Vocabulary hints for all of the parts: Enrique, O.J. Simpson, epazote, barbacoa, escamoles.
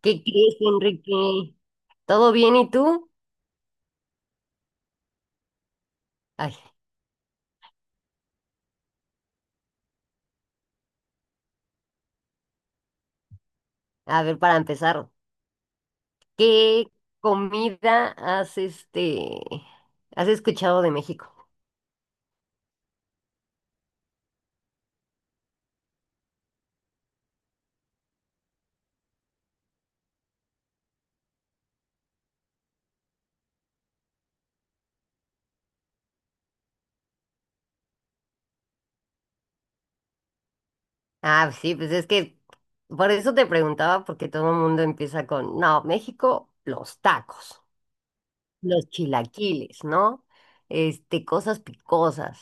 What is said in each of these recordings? ¿Qué crees, Enrique? ¿Todo bien y tú? Ay, a ver, para empezar, ¿qué comida has escuchado de México? Ah, sí, pues es que por eso te preguntaba, porque todo el mundo empieza con, no, México, los tacos, los chilaquiles, ¿no? Cosas picosas.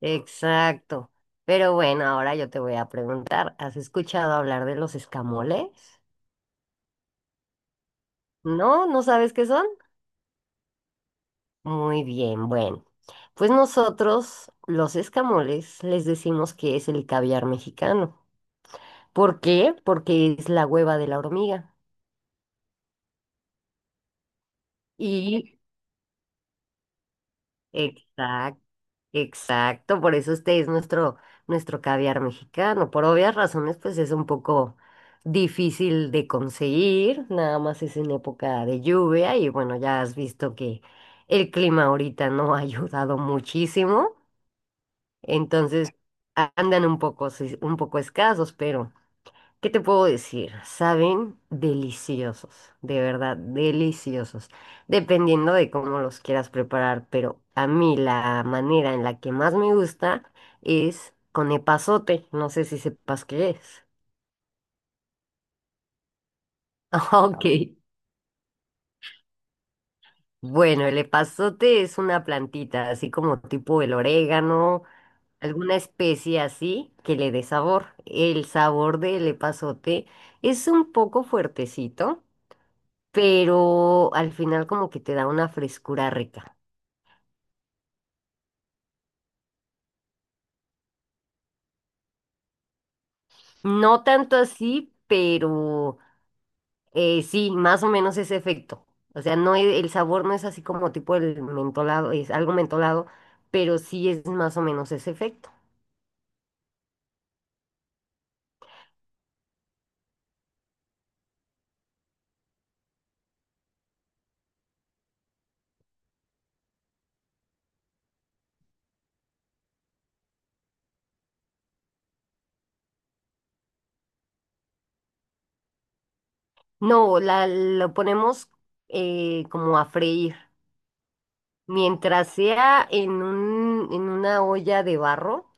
Exacto. Pero bueno, ahora yo te voy a preguntar, ¿has escuchado hablar de los escamoles? ¿No? ¿No sabes qué son? Muy bien, bueno. Pues nosotros, los escamoles, les decimos que es el caviar mexicano. ¿Por qué? Porque es la hueva de la hormiga. Y exacto, exacto, por eso este es nuestro caviar mexicano. Por obvias razones, pues es un poco difícil de conseguir, nada más es en época de lluvia y bueno, ya has visto que el clima ahorita no ha ayudado muchísimo. Entonces, andan un poco, sí, un poco escasos, pero ¿qué te puedo decir? Saben deliciosos, de verdad, deliciosos, dependiendo de cómo los quieras preparar, pero a mí la manera en la que más me gusta es con epazote, no sé si sepas qué es. Ok. Bueno, el epazote es una plantita, así como tipo el orégano, alguna especie así que le dé sabor. El sabor del epazote es un poco fuertecito, pero al final como que te da una frescura rica. No tanto así, pero sí, más o menos ese efecto. O sea, no el sabor no es así como tipo el mentolado, es algo mentolado, pero sí es más o menos ese efecto. No, lo ponemos como a freír. Mientras sea en en una olla de barro,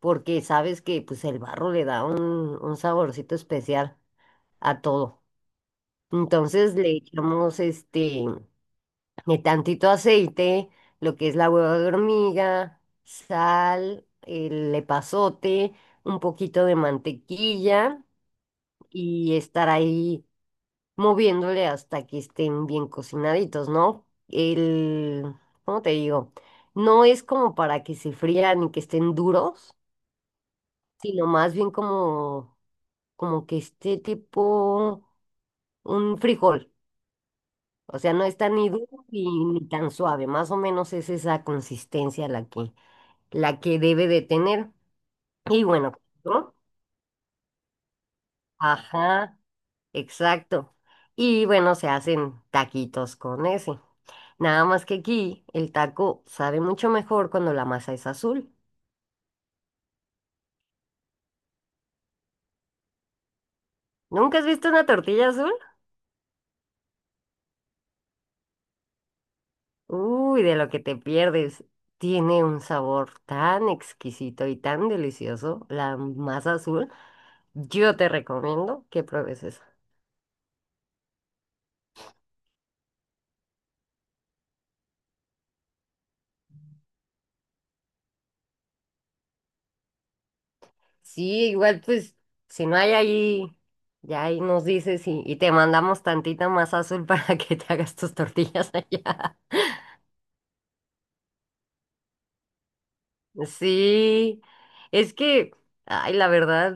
porque sabes que pues el barro le da un saborcito especial a todo. Entonces le echamos de tantito aceite, lo que es la hueva de hormiga, sal, el epazote, un poquito de mantequilla y estar ahí moviéndole hasta que estén bien cocinaditos, ¿no? ¿Cómo te digo? No es como para que se frían y que estén duros, sino más bien como, como que esté tipo un frijol. O sea, no está ni duro ni, ni tan suave, más o menos es esa consistencia la que debe de tener. Y bueno, ¿no? Ajá, exacto. Y bueno, se hacen taquitos con ese. Nada más que aquí el taco sabe mucho mejor cuando la masa es azul. ¿Nunca has visto una tortilla azul? Uy, de lo que te pierdes. Tiene un sabor tan exquisito y tan delicioso, la masa azul. Yo te recomiendo que pruebes eso. Sí, igual pues, si no hay ahí, ya ahí nos dices y te mandamos tantita masa azul para que te hagas tus tortillas allá. Sí, es que, ay, la verdad,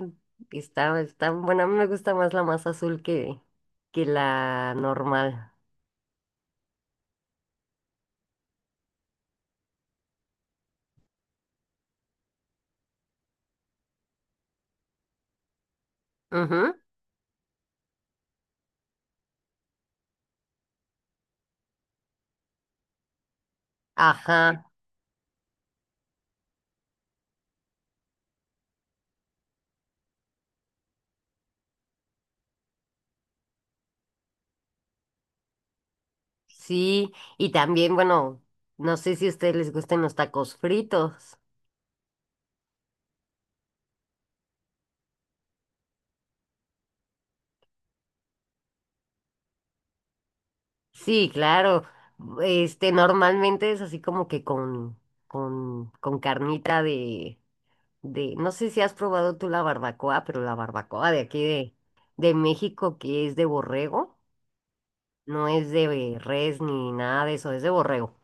está buena. A mí me gusta más la más azul que la normal. Ujú, ajá, sí. Y también, bueno, no sé si a ustedes les gusten los tacos fritos. Sí, claro. Normalmente es así como que con carnita no sé si has probado tú la barbacoa, pero la barbacoa de aquí de México que es de borrego. No es de res ni nada de eso, es de borrego.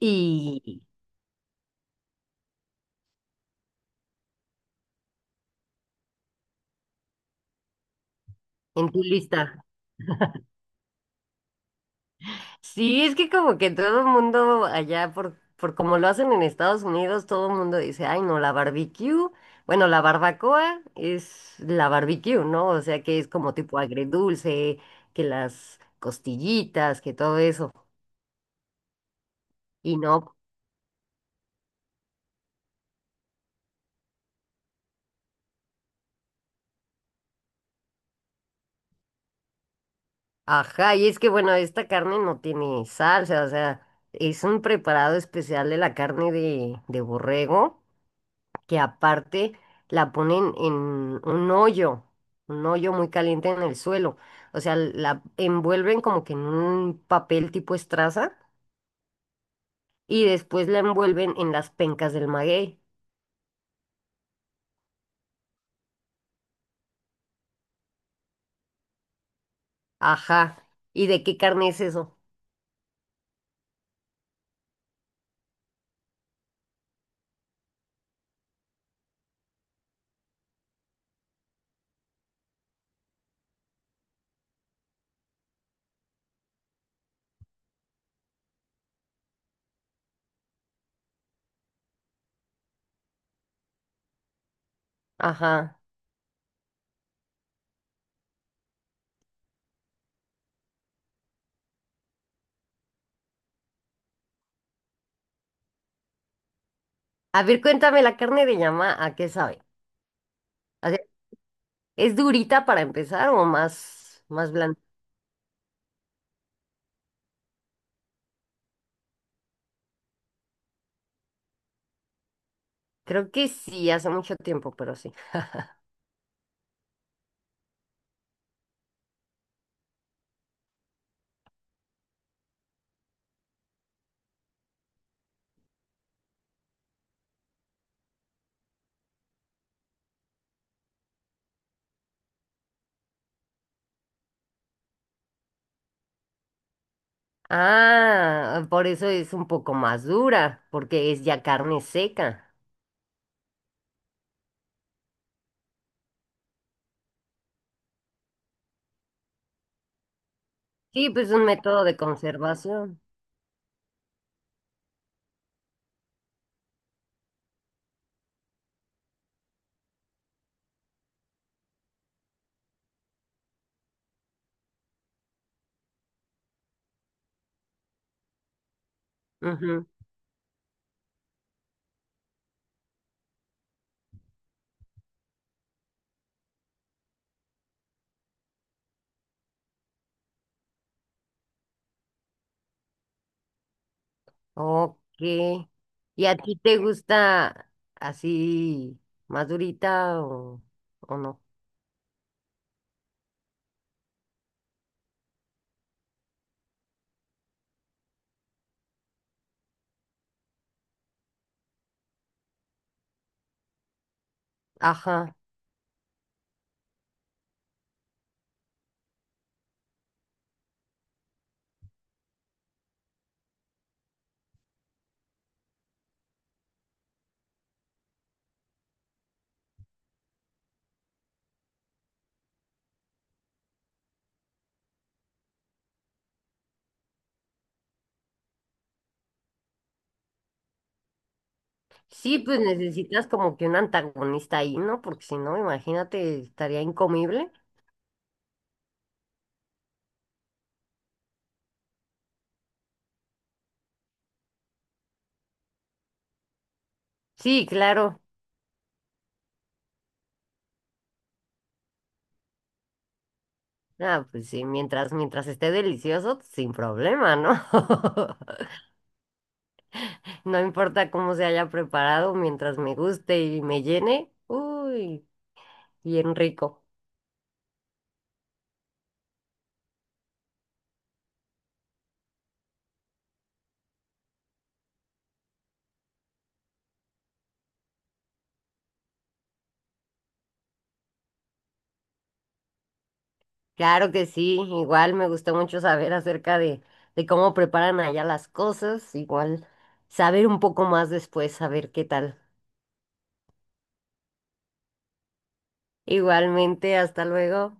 Y en tu lista. Sí, es que como que todo el mundo allá, por como lo hacen en Estados Unidos, todo el mundo dice, ay, no, la barbecue. Bueno, la barbacoa es la barbecue, ¿no? O sea, que es como tipo agridulce, que las costillitas, que todo eso. Y no, ajá, y es que bueno, esta carne no tiene salsa, o sea, es un preparado especial de la carne de borrego que aparte la ponen en un hoyo, un hoyo muy caliente en el suelo. O sea, la envuelven como que en un papel tipo estraza y después la envuelven en las pencas del maguey. Ajá. ¿Y de qué carne es eso? Ajá. A ver, cuéntame, la carne de llama, ¿a qué sabe? O sea, ¿es durita para empezar o más blanda? Creo que sí, hace mucho tiempo, pero sí. Ah, por eso es un poco más dura, porque es ya carne seca. Sí, pues un método de conservación. Ujú. Ok. ¿Y a ti te gusta así más durita o no? Ajá. Sí, pues necesitas como que un antagonista ahí, ¿no? Porque si no, imagínate, estaría incomible. Sí, claro. Ah, pues sí, mientras esté delicioso, sin problema, ¿no? No importa cómo se haya preparado, mientras me guste y me llene, uy, bien rico. Claro que sí, igual me gustó mucho saber acerca de cómo preparan allá las cosas, igual saber un poco más después, saber qué tal. Igualmente, hasta luego.